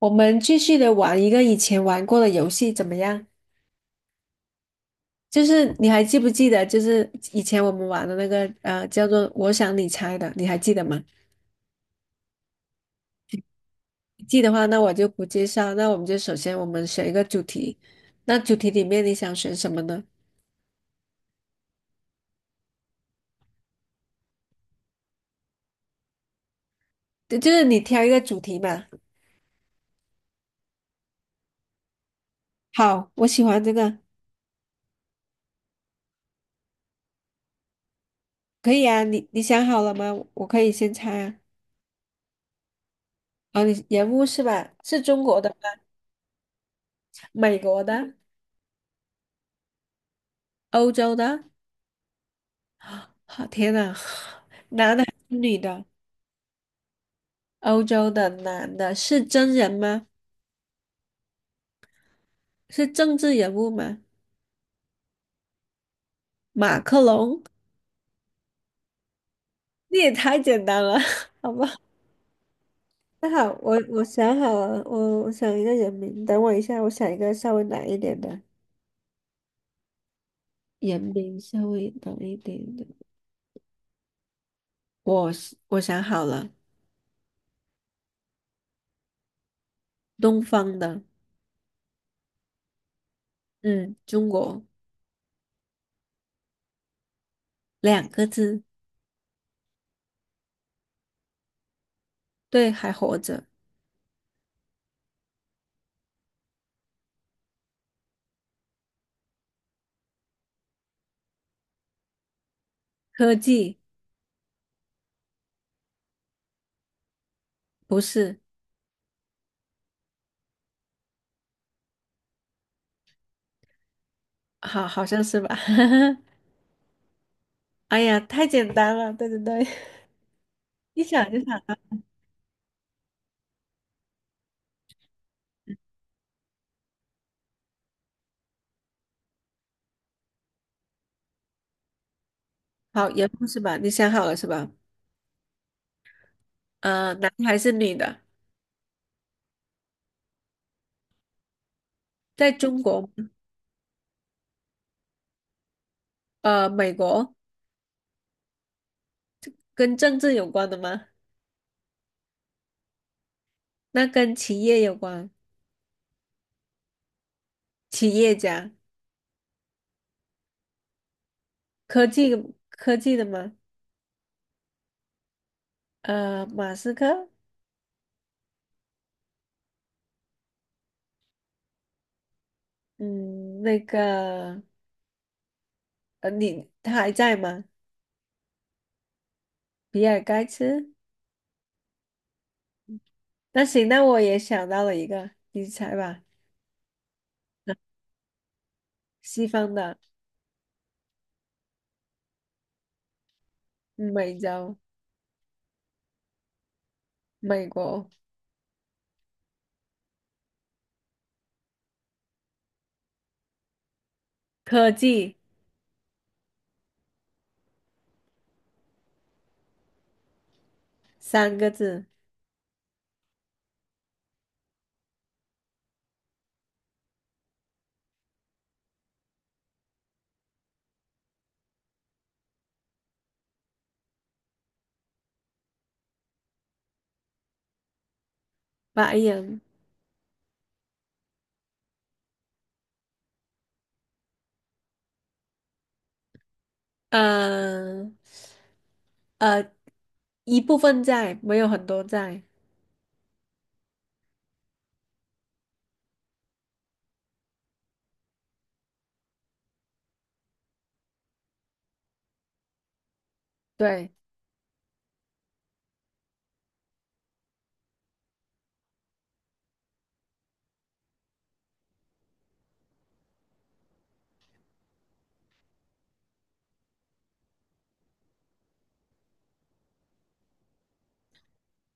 我们继续的玩一个以前玩过的游戏，怎么样？就是你还记不记得，就是以前我们玩的那个叫做"我想你猜"的，你还记得吗？记得话，那我就不介绍。那我们就首先我们选一个主题，那主题里面你想选什么呢？就是你挑一个主题嘛。好，我喜欢这个，可以啊。你想好了吗？我可以先猜啊。哦，你人物是吧？是中国的吗？美国的、欧洲的？好，天呐，女的。欧洲的男的是真人吗？是政治人物吗？马克龙？你也太简单了，好吧？那好，我想好了，我想一个人名，等我一下，我想一个稍微难一点的人名，稍微难一点的。我想好了，东方的，嗯，中国，两个字，对，还活着。科技，不是，好，好像是吧？哎呀，太简单了，对对对，一想就想。好，也不是吧？你想好了是吧？男还是女的？在中国，美国。跟政治有关的吗？那跟企业有关，企业家，科技。科技的吗？马斯克，嗯，那个，他还在吗？比尔盖茨？那行，那我也想到了一个，你猜吧，西方的，美洲，美国，科技，三个字，白人，嗯、呃。一部分在，没有很多在。对，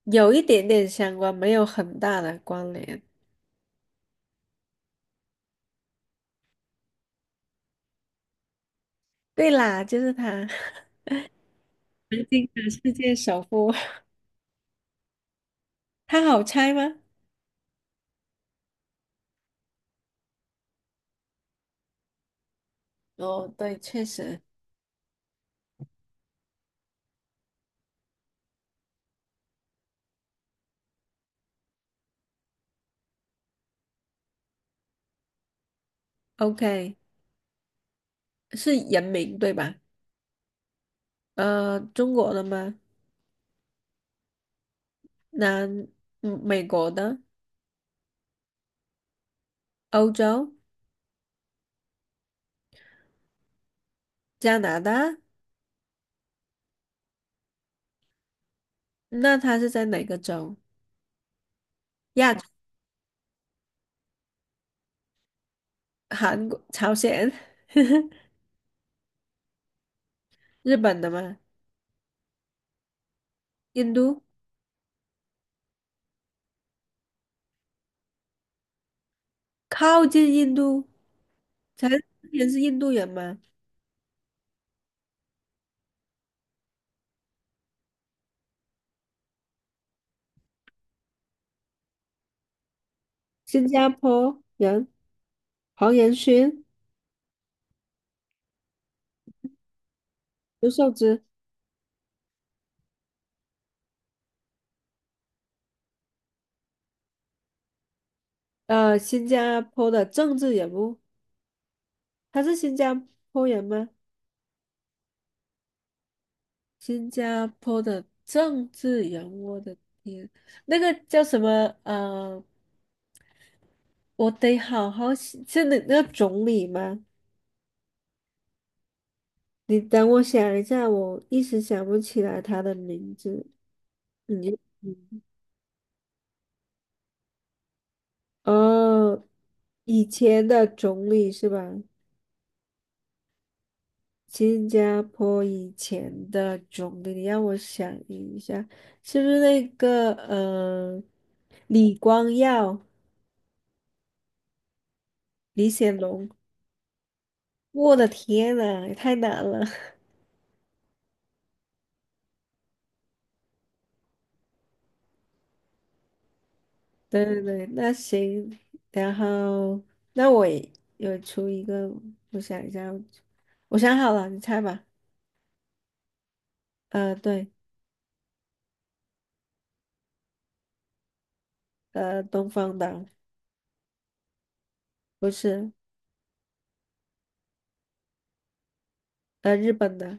有一点点相关，没有很大的关联。对啦，就是他，南京的世界首富，他好猜吗？哦，对，确实，OK，是人名对吧？中国的吗？南，美国的，欧洲，加拿大，那他是在哪个州？亚洲，韩国，朝鲜，日本的吗？印度，靠近印度。陈思诚是印度人吗？新加坡人，黄仁勋、刘寿之，新加坡的政治人物，他是新加坡人吗？新加坡的政治人物，我的天，那个叫什么？我得好好想，是那个总理吗？你等我想一下，我一时想不起来他的名字。你嗯哦，以前的总理是吧？新加坡以前的总理，你让我想一下，是不是那个李光耀、李显龙？我的天呐，也太难了。对对对，那行，然后那我也有出一个，我想一下，我想好了，你猜吧。对，东方的。不是，日本的，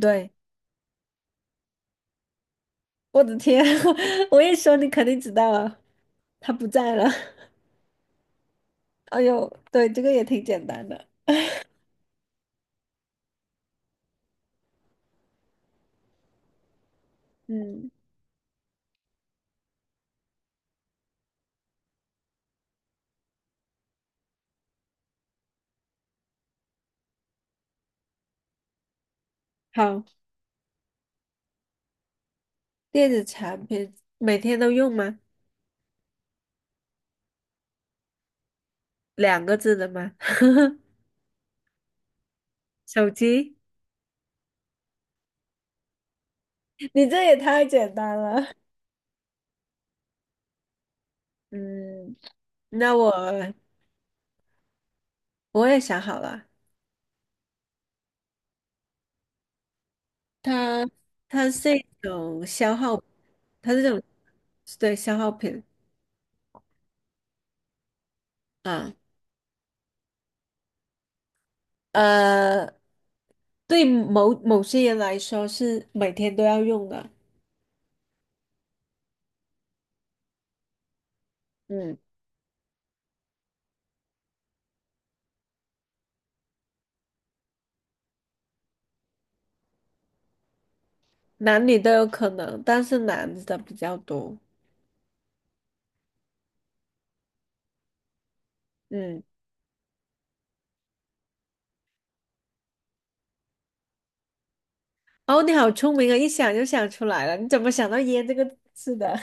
对。我的天，我一说你肯定知道了，他不在了。哎呦，对，这个也挺简单的。嗯，好，电子产品每天都用吗？两个字的吗？手机？你这也太简单了。嗯，那我也想好了，它它是一种消耗，它是这种。对，消耗品啊，呃，对某些人来说是每天都要用的，嗯，男女都有可能，但是男的比较多。嗯。哦，你好聪明啊，一想就想出来了。你怎么想到"烟"这个字的？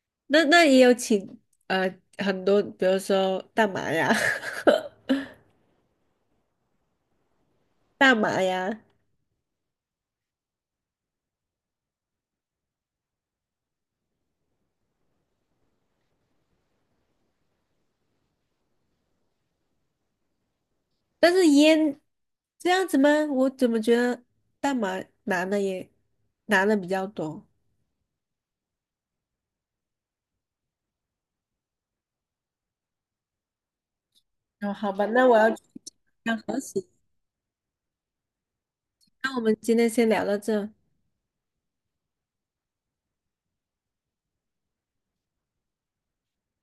那也有请呃很多，比如说大麻呀、大麻呀，但是烟这样子吗？我怎么觉得大麻男的也男的比较多？哦，好吧，那我要去要核实。那我们今天先聊到这。